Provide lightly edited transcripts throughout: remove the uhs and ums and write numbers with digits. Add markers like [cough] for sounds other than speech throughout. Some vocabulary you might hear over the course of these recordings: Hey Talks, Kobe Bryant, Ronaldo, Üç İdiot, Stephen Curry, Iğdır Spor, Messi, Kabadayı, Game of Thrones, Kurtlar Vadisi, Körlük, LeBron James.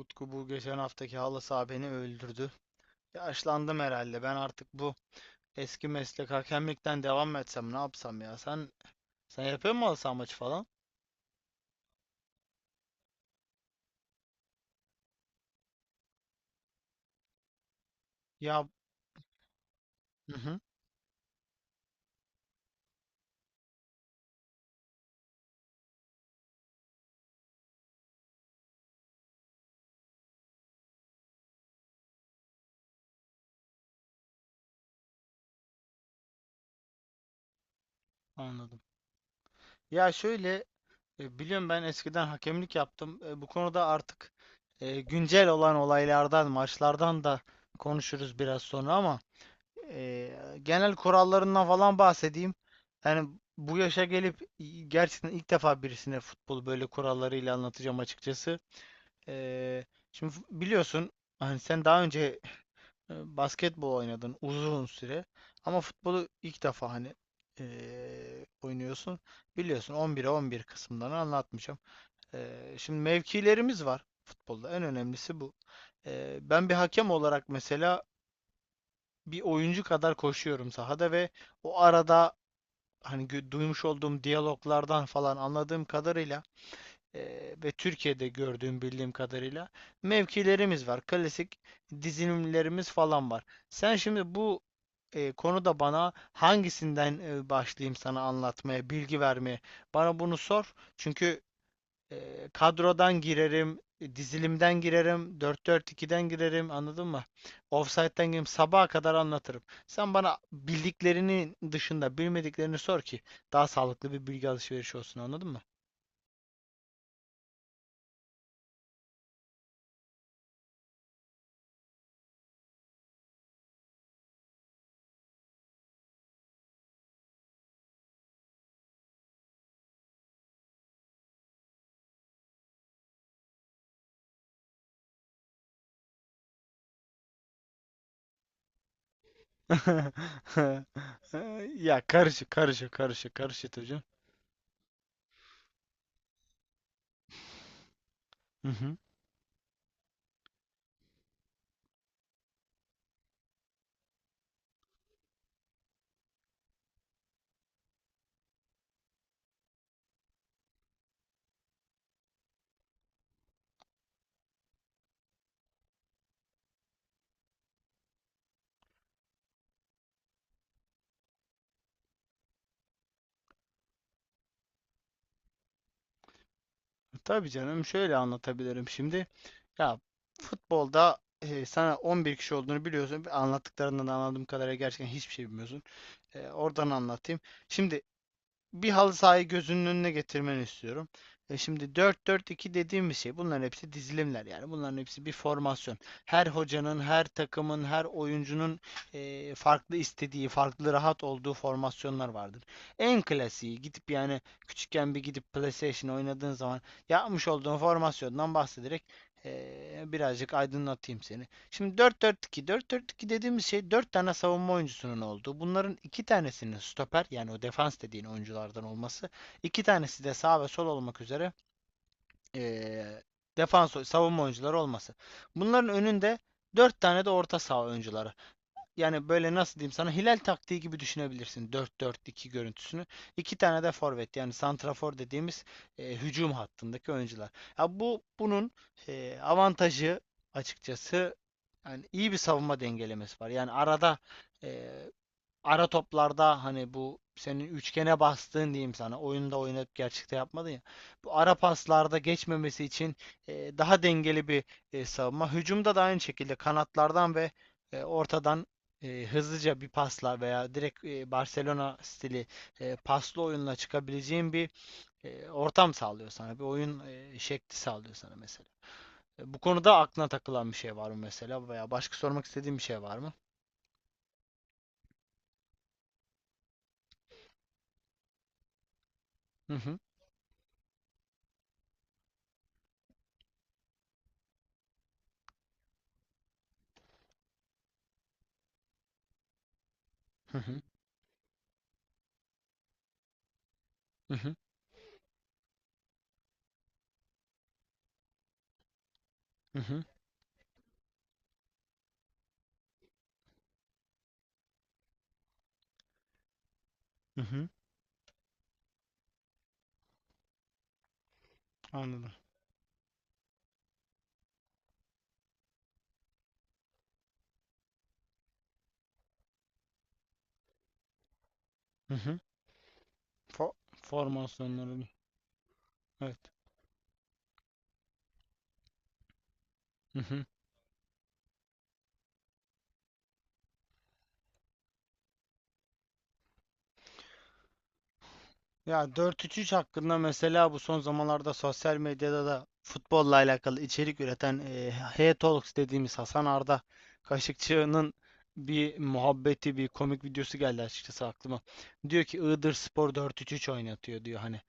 Utku, bu geçen haftaki halı saha beni öldürdü. Yaşlandım herhalde. Ben artık bu eski meslek hakemlikten devam mı etsem ne yapsam ya? Sen yapıyor musun halı saha maçı falan? Ya, hı hı, anladım. Ya şöyle, biliyorum ben eskiden hakemlik yaptım. Bu konuda artık güncel olan olaylardan, maçlardan da konuşuruz biraz sonra ama genel kurallarından falan bahsedeyim. Yani bu yaşa gelip gerçekten ilk defa birisine futbolu böyle kurallarıyla anlatacağım açıkçası. Ee, şimdi biliyorsun hani sen daha önce basketbol oynadın uzun süre ama futbolu ilk defa hani oynuyorsun. Biliyorsun 11'e 11 kısımlarını anlatmayacağım. Şimdi mevkilerimiz var futbolda. En önemlisi bu. Ben bir hakem olarak mesela bir oyuncu kadar koşuyorum sahada ve o arada hani duymuş olduğum diyaloglardan falan anladığım kadarıyla e, ve Türkiye'de gördüğüm bildiğim kadarıyla mevkilerimiz var. Klasik dizilimlerimiz falan var. Sen şimdi bu konuda bana hangisinden başlayayım sana anlatmaya, bilgi vermeye? Bana bunu sor. Çünkü kadrodan girerim, dizilimden girerim, dört 4 2'den girerim, anladın mı? Offside'den girerim, sabaha kadar anlatırım. Sen bana bildiklerinin dışında bilmediklerini sor ki daha sağlıklı bir bilgi alışverişi olsun, anladın mı? [laughs] Ya karışık, karışık, karışık, karışık hocam. Hı hı. Tabii canım, şöyle anlatabilirim şimdi. Ya futbolda, sana 11 kişi olduğunu biliyorsun. Anlattıklarından anladığım kadarıyla gerçekten hiçbir şey bilmiyorsun. Oradan anlatayım. Şimdi bir halı sahayı gözünün önüne getirmeni istiyorum. Şimdi 4-4-2 dediğimiz şey bunların hepsi dizilimler, yani bunların hepsi bir formasyon. Her hocanın, her takımın, her oyuncunun farklı istediği, farklı rahat olduğu formasyonlar vardır. En klasiği gidip, yani küçükken bir gidip PlayStation oynadığın zaman yapmış olduğun formasyondan bahsederek birazcık aydınlatayım seni. Şimdi 4-4-2. 4-4-2 dediğimiz şey 4 tane savunma oyuncusunun olduğu. Bunların 2 tanesinin stoper, yani o defans dediğin oyunculardan olması. İki tanesi de sağ ve sol olmak üzere eee defans savunma oyuncuları olması. Bunların önünde 4 tane de orta saha oyuncuları, yani böyle nasıl diyeyim sana, hilal taktiği gibi düşünebilirsin dört 4 2 görüntüsünü. İki tane de forvet, yani santrafor dediğimiz hücum hattındaki oyuncular. Ya bu bunun avantajı, açıkçası, yani iyi bir savunma dengelemesi var. Yani arada e, ara toplarda, hani bu senin üçgene bastığın, diyeyim sana, oyunda oynayıp gerçekte yapmadın ya. Bu ara paslarda geçmemesi için daha dengeli bir savunma. Hücumda da aynı şekilde kanatlardan ve ortadan hızlıca bir pasla veya direkt Barcelona stili paslı oyunla çıkabileceğin bir ortam sağlıyor sana. Bir oyun şekli sağlıyor sana mesela. Bu konuda aklına takılan bir şey var mı mesela veya başka sormak istediğin bir şey var mı? Hı hı. Hı hı. Hı hı. Hı hı. Hı hı. Anladım. Hı hı. Formasyonları. Evet. Hı hı. Ya dört üç üç hakkında, mesela, bu son zamanlarda sosyal medyada da futbolla alakalı içerik üreten Hey Talks dediğimiz Hasan Arda Kaşıkçı'nın bir muhabbeti, bir komik videosu geldi açıkçası aklıma. Diyor ki Iğdır Spor dört üç 3 oynatıyor diyor. Hani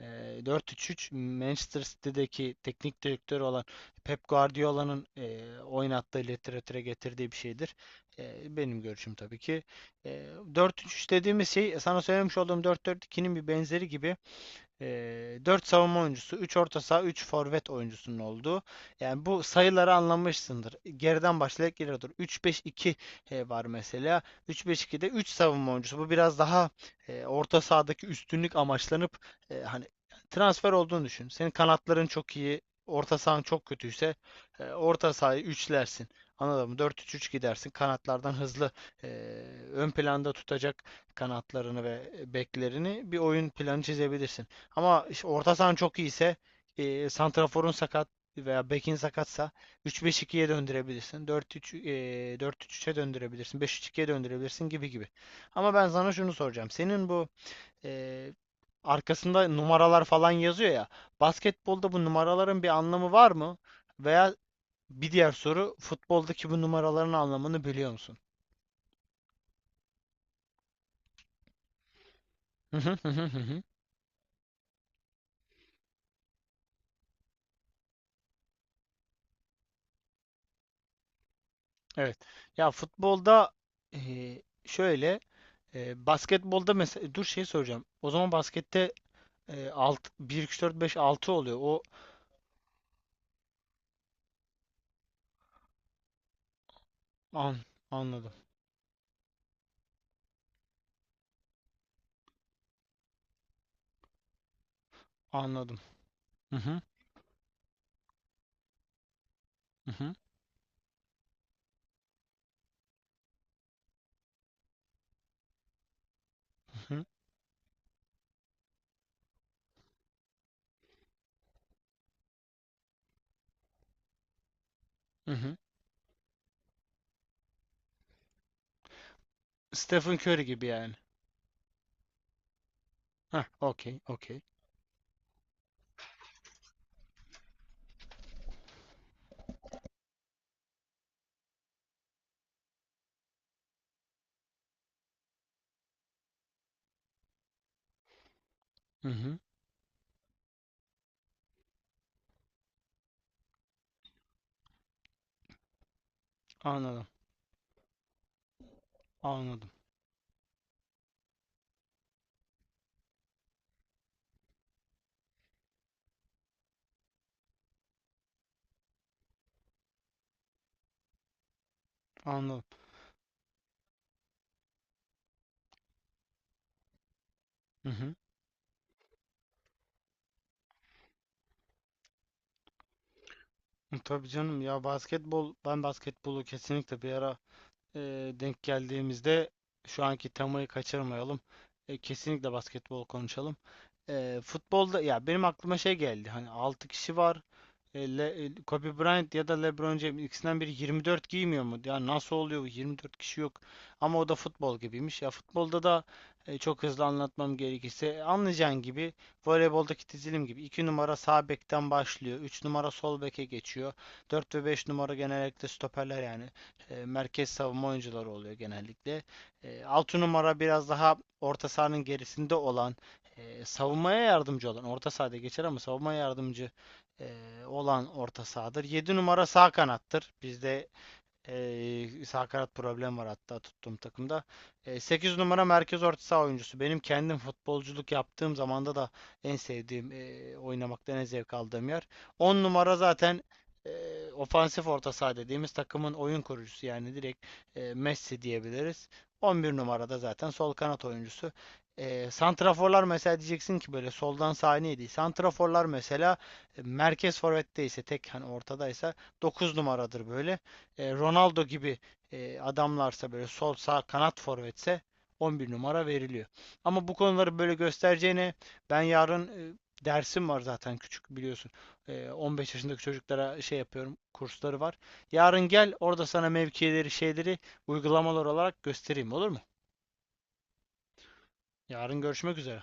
4 üç 3, Manchester City'deki teknik direktörü olan Pep Guardiola'nın oynattığı, literatüre getirdiği bir şeydir. Benim görüşüm tabii ki. E, 4 üç 3 dediğimiz şey sana söylemiş olduğum dört dört ikinin bir benzeri gibi. 4 savunma oyuncusu, 3 orta saha, 3 forvet oyuncusunun olduğu. Yani bu sayıları anlamışsındır. Geriden başlayarak geriye dur. Üç beş iki var mesela. 3-5-2'de 3 savunma oyuncusu. Bu biraz daha orta sahadaki üstünlük amaçlanıp hani transfer olduğunu düşün. Senin kanatların çok iyi, orta sahan çok kötüyse orta sahayı üçlersin. Anladın mı? Dört üç üç gidersin. Kanatlardan hızlı e, ön planda tutacak kanatlarını ve beklerini bir oyun planı çizebilirsin. Ama işte orta sahan çok iyiyse, santraforun sakat veya bekin sakatsa 3-5-2'ye döndürebilirsin. 4-3, 4-3-3'e döndürebilirsin. 5-3-2'ye döndürebilirsin gibi gibi. Ama ben sana şunu soracağım. Senin bu e, arkasında numaralar falan yazıyor ya. Basketbolda bu numaraların bir anlamı var mı? Veya bir diğer soru, futboldaki bu numaraların anlamını biliyor musun? [laughs] Evet. Ya futbolda, e, şöyle. Basketbolda mesela, dur, şey soracağım. O zaman baskette, alt, 1 2 3 4 5 6 oluyor. O an anladım. Anladım. Hı hı. Hı hı. Hı hı. Hı hı. Stephen Curry gibi yani. Heh, okey, okey. Hı hı. Anladım. Anladım. Anladım. Hı hı. Tabii canım, ya basketbol, ben basketbolu kesinlikle bir ara, e, denk geldiğimizde, şu anki temayı kaçırmayalım. Kesinlikle basketbol konuşalım. Futbolda ya benim aklıma şey geldi. Hani 6 kişi var. Kobe Bryant ya da LeBron James ikisinden biri 24 giymiyor mu? Ya nasıl oluyor bu? 24 kişi yok. Ama o da futbol gibiymiş. Ya futbolda da çok hızlı anlatmam gerekirse anlayacağın gibi, voleyboldaki dizilim gibi, 2 numara sağ bekten başlıyor. Üç numara sol beke geçiyor. Dört ve 5 numara genellikle stoperler, yani merkez savunma oyuncuları oluyor genellikle. 6 numara biraz daha orta sahanın gerisinde olan, savunmaya yardımcı olan, orta sahada geçer ama savunmaya yardımcı e, olan orta sahadır. Yedi numara sağ kanattır. Bizde sakarat problem var hatta tuttuğum takımda. 8 numara merkez orta saha oyuncusu. Benim kendim futbolculuk yaptığım zamanda da en sevdiğim, oynamaktan en zevk aldığım yer. 10 numara zaten e, ofansif orta saha dediğimiz takımın oyun kurucusu, yani direkt Messi diyebiliriz. 11 numara da zaten sol kanat oyuncusu. Santraforlar, mesela, diyeceksin ki böyle soldan sağa neydi? Santraforlar mesela merkez forvette ise, tek, hani ortadaysa 9 numaradır, böyle Ronaldo gibi adamlarsa, böyle sol sağ kanat forvetse 11 numara veriliyor. Ama bu konuları böyle göstereceğine, ben yarın, dersim var zaten küçük biliyorsun. 15 yaşındaki çocuklara şey yapıyorum, kursları var. Yarın gel, orada sana mevkileri şeyleri uygulamalar olarak göstereyim, olur mu? Yarın görüşmek üzere.